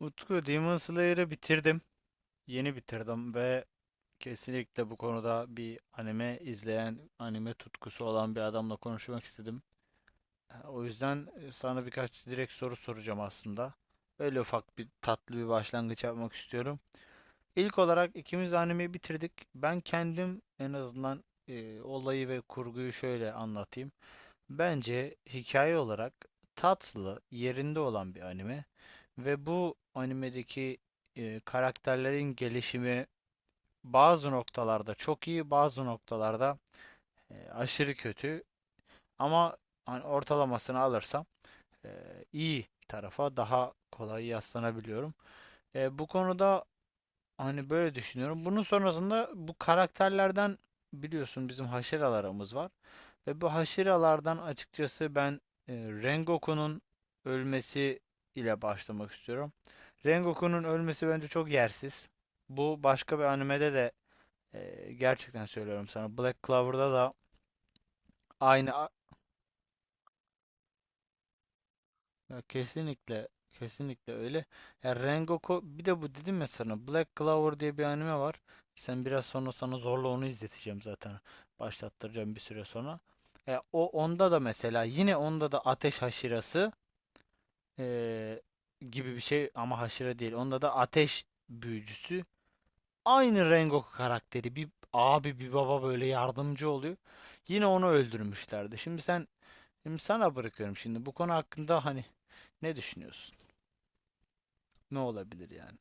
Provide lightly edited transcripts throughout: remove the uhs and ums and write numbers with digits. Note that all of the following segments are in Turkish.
Utku, Demon Slayer'ı bitirdim. Yeni bitirdim ve kesinlikle bu konuda bir anime izleyen, anime tutkusu olan bir adamla konuşmak istedim. O yüzden sana birkaç direkt soru soracağım aslında. Öyle ufak bir tatlı bir başlangıç yapmak istiyorum. İlk olarak ikimiz de animeyi bitirdik. Ben kendim en azından olayı ve kurguyu şöyle anlatayım. Bence hikaye olarak tatlı, yerinde olan bir anime ve bu animedeki karakterlerin gelişimi bazı noktalarda çok iyi, bazı noktalarda aşırı kötü, ama hani ortalamasını alırsam e, iyi tarafa daha kolay yaslanabiliyorum. Bu konuda hani böyle düşünüyorum. Bunun sonrasında bu karakterlerden biliyorsun bizim haşeralarımız var. Ve bu haşiralardan açıkçası ben Rengoku'nun ölmesi ile başlamak istiyorum. Rengoku'nun ölmesi bence çok yersiz. Bu başka bir animede de gerçekten söylüyorum sana. Black Clover'da da aynı. Ya kesinlikle, kesinlikle öyle. Ya Rengoku, bir de bu dedim ya sana, Black Clover diye bir anime var. Sen biraz sonra, sana zorla onu izleteceğim zaten. Başlattıracağım bir süre sonra. Ya o, onda da mesela, yine onda da ateş haşirası eee, gibi bir şey ama haşire değil. Onda da ateş büyücüsü. Aynı Rengoku karakteri, bir abi, bir baba böyle yardımcı oluyor. Yine onu öldürmüşlerdi. Şimdi sana bırakıyorum, şimdi bu konu hakkında hani ne düşünüyorsun? Ne olabilir yani?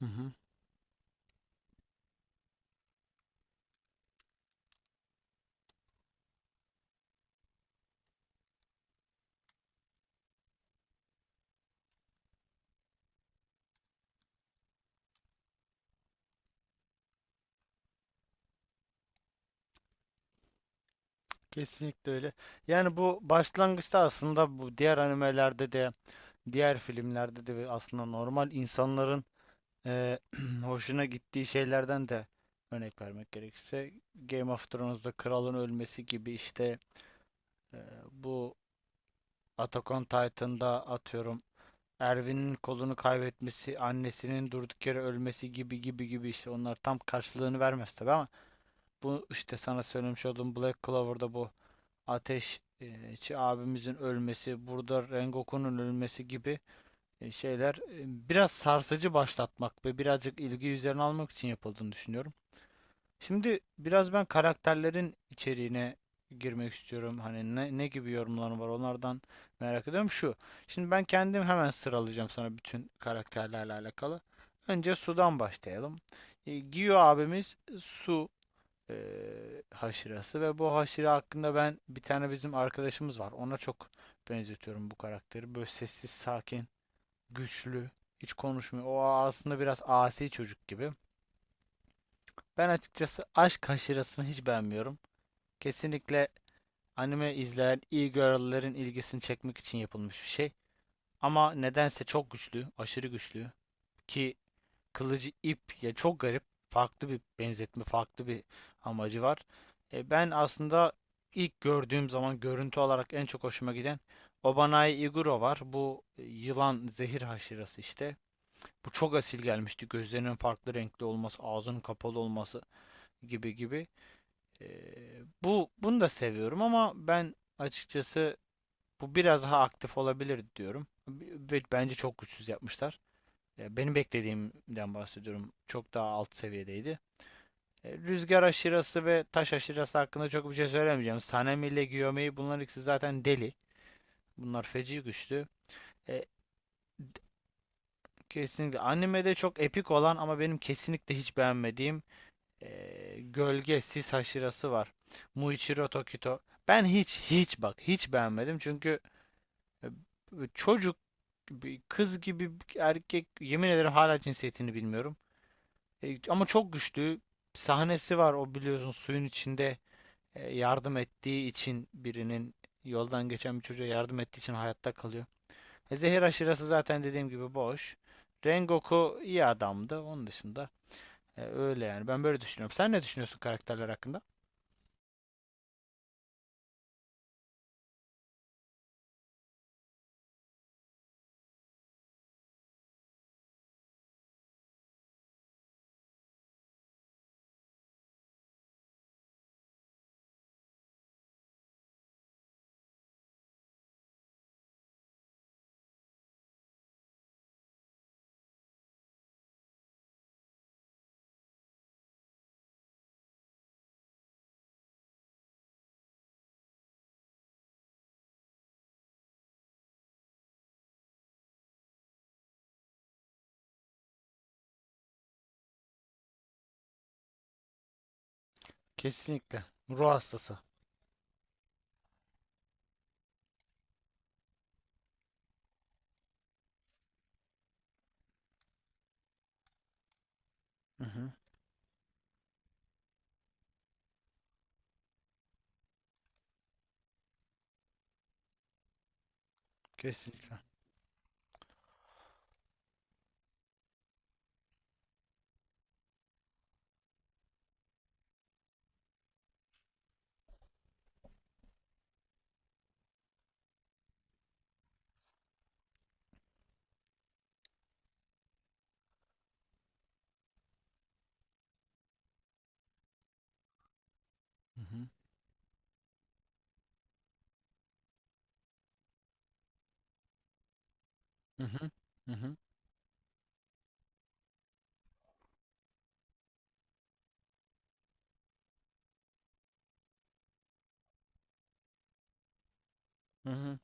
Hı hı. Kesinlikle öyle. Yani bu başlangıçta aslında, bu diğer animelerde de, diğer filmlerde de ve aslında normal insanların eee, hoşuna gittiği şeylerden de, örnek vermek gerekirse Game of Thrones'da kralın ölmesi gibi işte, eee, bu Attack on Titan'da atıyorum Erwin'in kolunu kaybetmesi, annesinin durduk yere ölmesi gibi gibi gibi işte, onlar tam karşılığını vermez tabii, ama bu işte sana söylemiş olduğum Black Clover'da bu Ateşçi abimizin ölmesi, burada Rengoku'nun ölmesi gibi şeyler biraz sarsıcı başlatmak ve birazcık ilgi üzerine almak için yapıldığını düşünüyorum. Şimdi biraz ben karakterlerin içeriğine girmek istiyorum. Hani ne, ne gibi yorumları var onlardan merak ediyorum. Şu. Şimdi ben kendim hemen sıralayacağım sana bütün karakterlerle alakalı. Önce Su'dan başlayalım. Gio abimiz, Su haşirası ve bu haşire hakkında, ben bir tane bizim arkadaşımız var. Ona çok benzetiyorum bu karakteri. Böyle sessiz, sakin, güçlü, hiç konuşmuyor. O aslında biraz asi çocuk gibi. Ben açıkçası aşk haşirasını hiç beğenmiyorum. Kesinlikle anime izleyen e-girl'lerin ilgisini çekmek için yapılmış bir şey. Ama nedense çok güçlü, aşırı güçlü, ki kılıcı ip, ya çok garip. Farklı bir benzetme, farklı bir amacı var. Ben aslında ilk gördüğüm zaman görüntü olarak en çok hoşuma giden Obanai Iguro var. Bu yılan zehir haşirası işte. Bu çok asil gelmişti. Gözlerinin farklı renkli olması, ağzının kapalı olması gibi gibi. E, Bunu da seviyorum ama ben açıkçası bu biraz daha aktif olabilir diyorum. Bence çok güçsüz yapmışlar. Benim beklediğimden bahsediyorum. Çok daha alt seviyedeydi. Rüzgar aşırası ve taş aşırası hakkında çok bir şey söylemeyeceğim. Sanemi ile Gyomei, bunlar ikisi zaten deli. Bunlar feci güçlü. E, Kesinlikle animede çok epik olan ama benim kesinlikle hiç beğenmediğim Gölge Sis aşırası var. Muichiro Tokito. Ben hiç hiç, bak, hiç beğenmedim çünkü e, çocuk kız gibi erkek, yemin ederim hala cinsiyetini bilmiyorum. Ama çok güçlü. Sahnesi var o, biliyorsun, suyun içinde yardım ettiği için birinin yoldan geçen bir çocuğa yardım ettiği için hayatta kalıyor. Zehir aşırası zaten dediğim gibi boş. Rengoku iyi adamdı. Onun dışında öyle yani. Ben böyle düşünüyorum. Sen ne düşünüyorsun karakterler hakkında? Kesinlikle. Ruh hastası. Hı hı. Kesinlikle. Hı hı. Hı hı. Hı hı. Hı hı.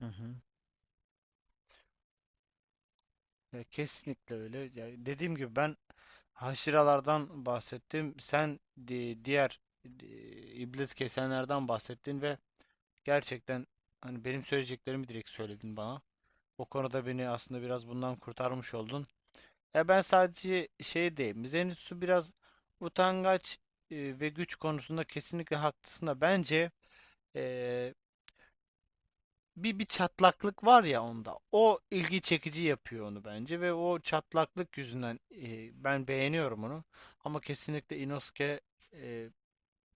Hı hı. Ya kesinlikle öyle. Ya dediğim gibi ben haşiralardan bahsettim. Sen diğer e, iblis kesenlerden bahsettin ve gerçekten hani benim söyleyeceklerimi direkt söyledin bana. O konuda beni aslında biraz bundan kurtarmış oldun. Ya ben sadece şey diyeyim. Zenitsu biraz utangaç ve güç konusunda kesinlikle haklısın, da bence e, bir çatlaklık var ya onda. O ilgi çekici yapıyor onu bence ve o çatlaklık yüzünden ben beğeniyorum onu. Ama kesinlikle Inosuke, e,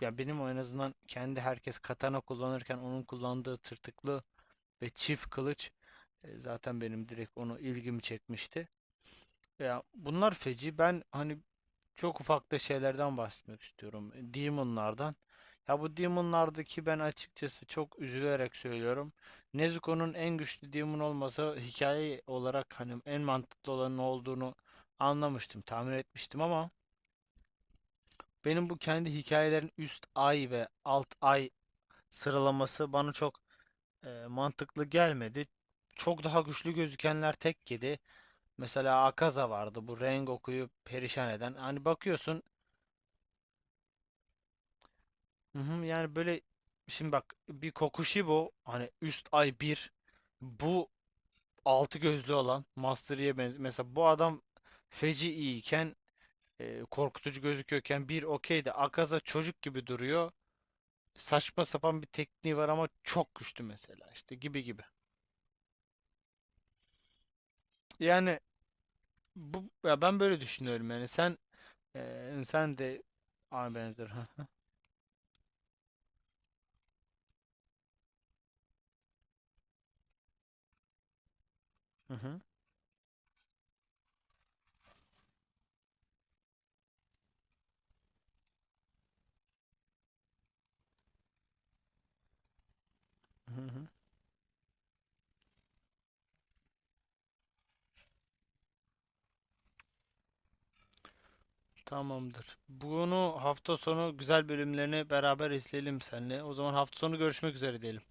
ya benim o en azından kendi, herkes katana kullanırken onun kullandığı tırtıklı ve çift kılıç zaten benim direkt onu ilgimi çekmişti. Ya bunlar feci. Ben hani çok ufak da şeylerden bahsetmek istiyorum. Demon'lardan. Ya bu Demon'lardaki ben açıkçası çok üzülerek söylüyorum. Nezuko'nun en güçlü Demon olmasa, hikaye olarak hani en mantıklı olanın olduğunu anlamıştım, tahmin etmiştim, ama benim bu kendi hikayelerin üst ay ve alt ay sıralaması bana çok mantıklı gelmedi. Çok daha güçlü gözükenler tek yedi. Mesela Akaza vardı, bu Rengoku'yu perişan eden. Hani bakıyorsun. Hı hı, yani böyle şimdi bak, bir Kokushibo, hani üst ay bir, bu altı gözlü olan, Master Yi'ye benziyor. Mesela bu adam feci iyiyken, korkutucu gözüküyorken, bir okey de Akaza çocuk gibi duruyor. Saçma sapan bir tekniği var ama çok güçlü mesela, işte gibi gibi. Yani bu, ya ben böyle düşünüyorum yani, sen sen de aynı benzer. Hı hı. Hı hı. Tamamdır. Bunu hafta sonu güzel bölümlerini beraber izleyelim seninle. O zaman hafta sonu görüşmek üzere diyelim.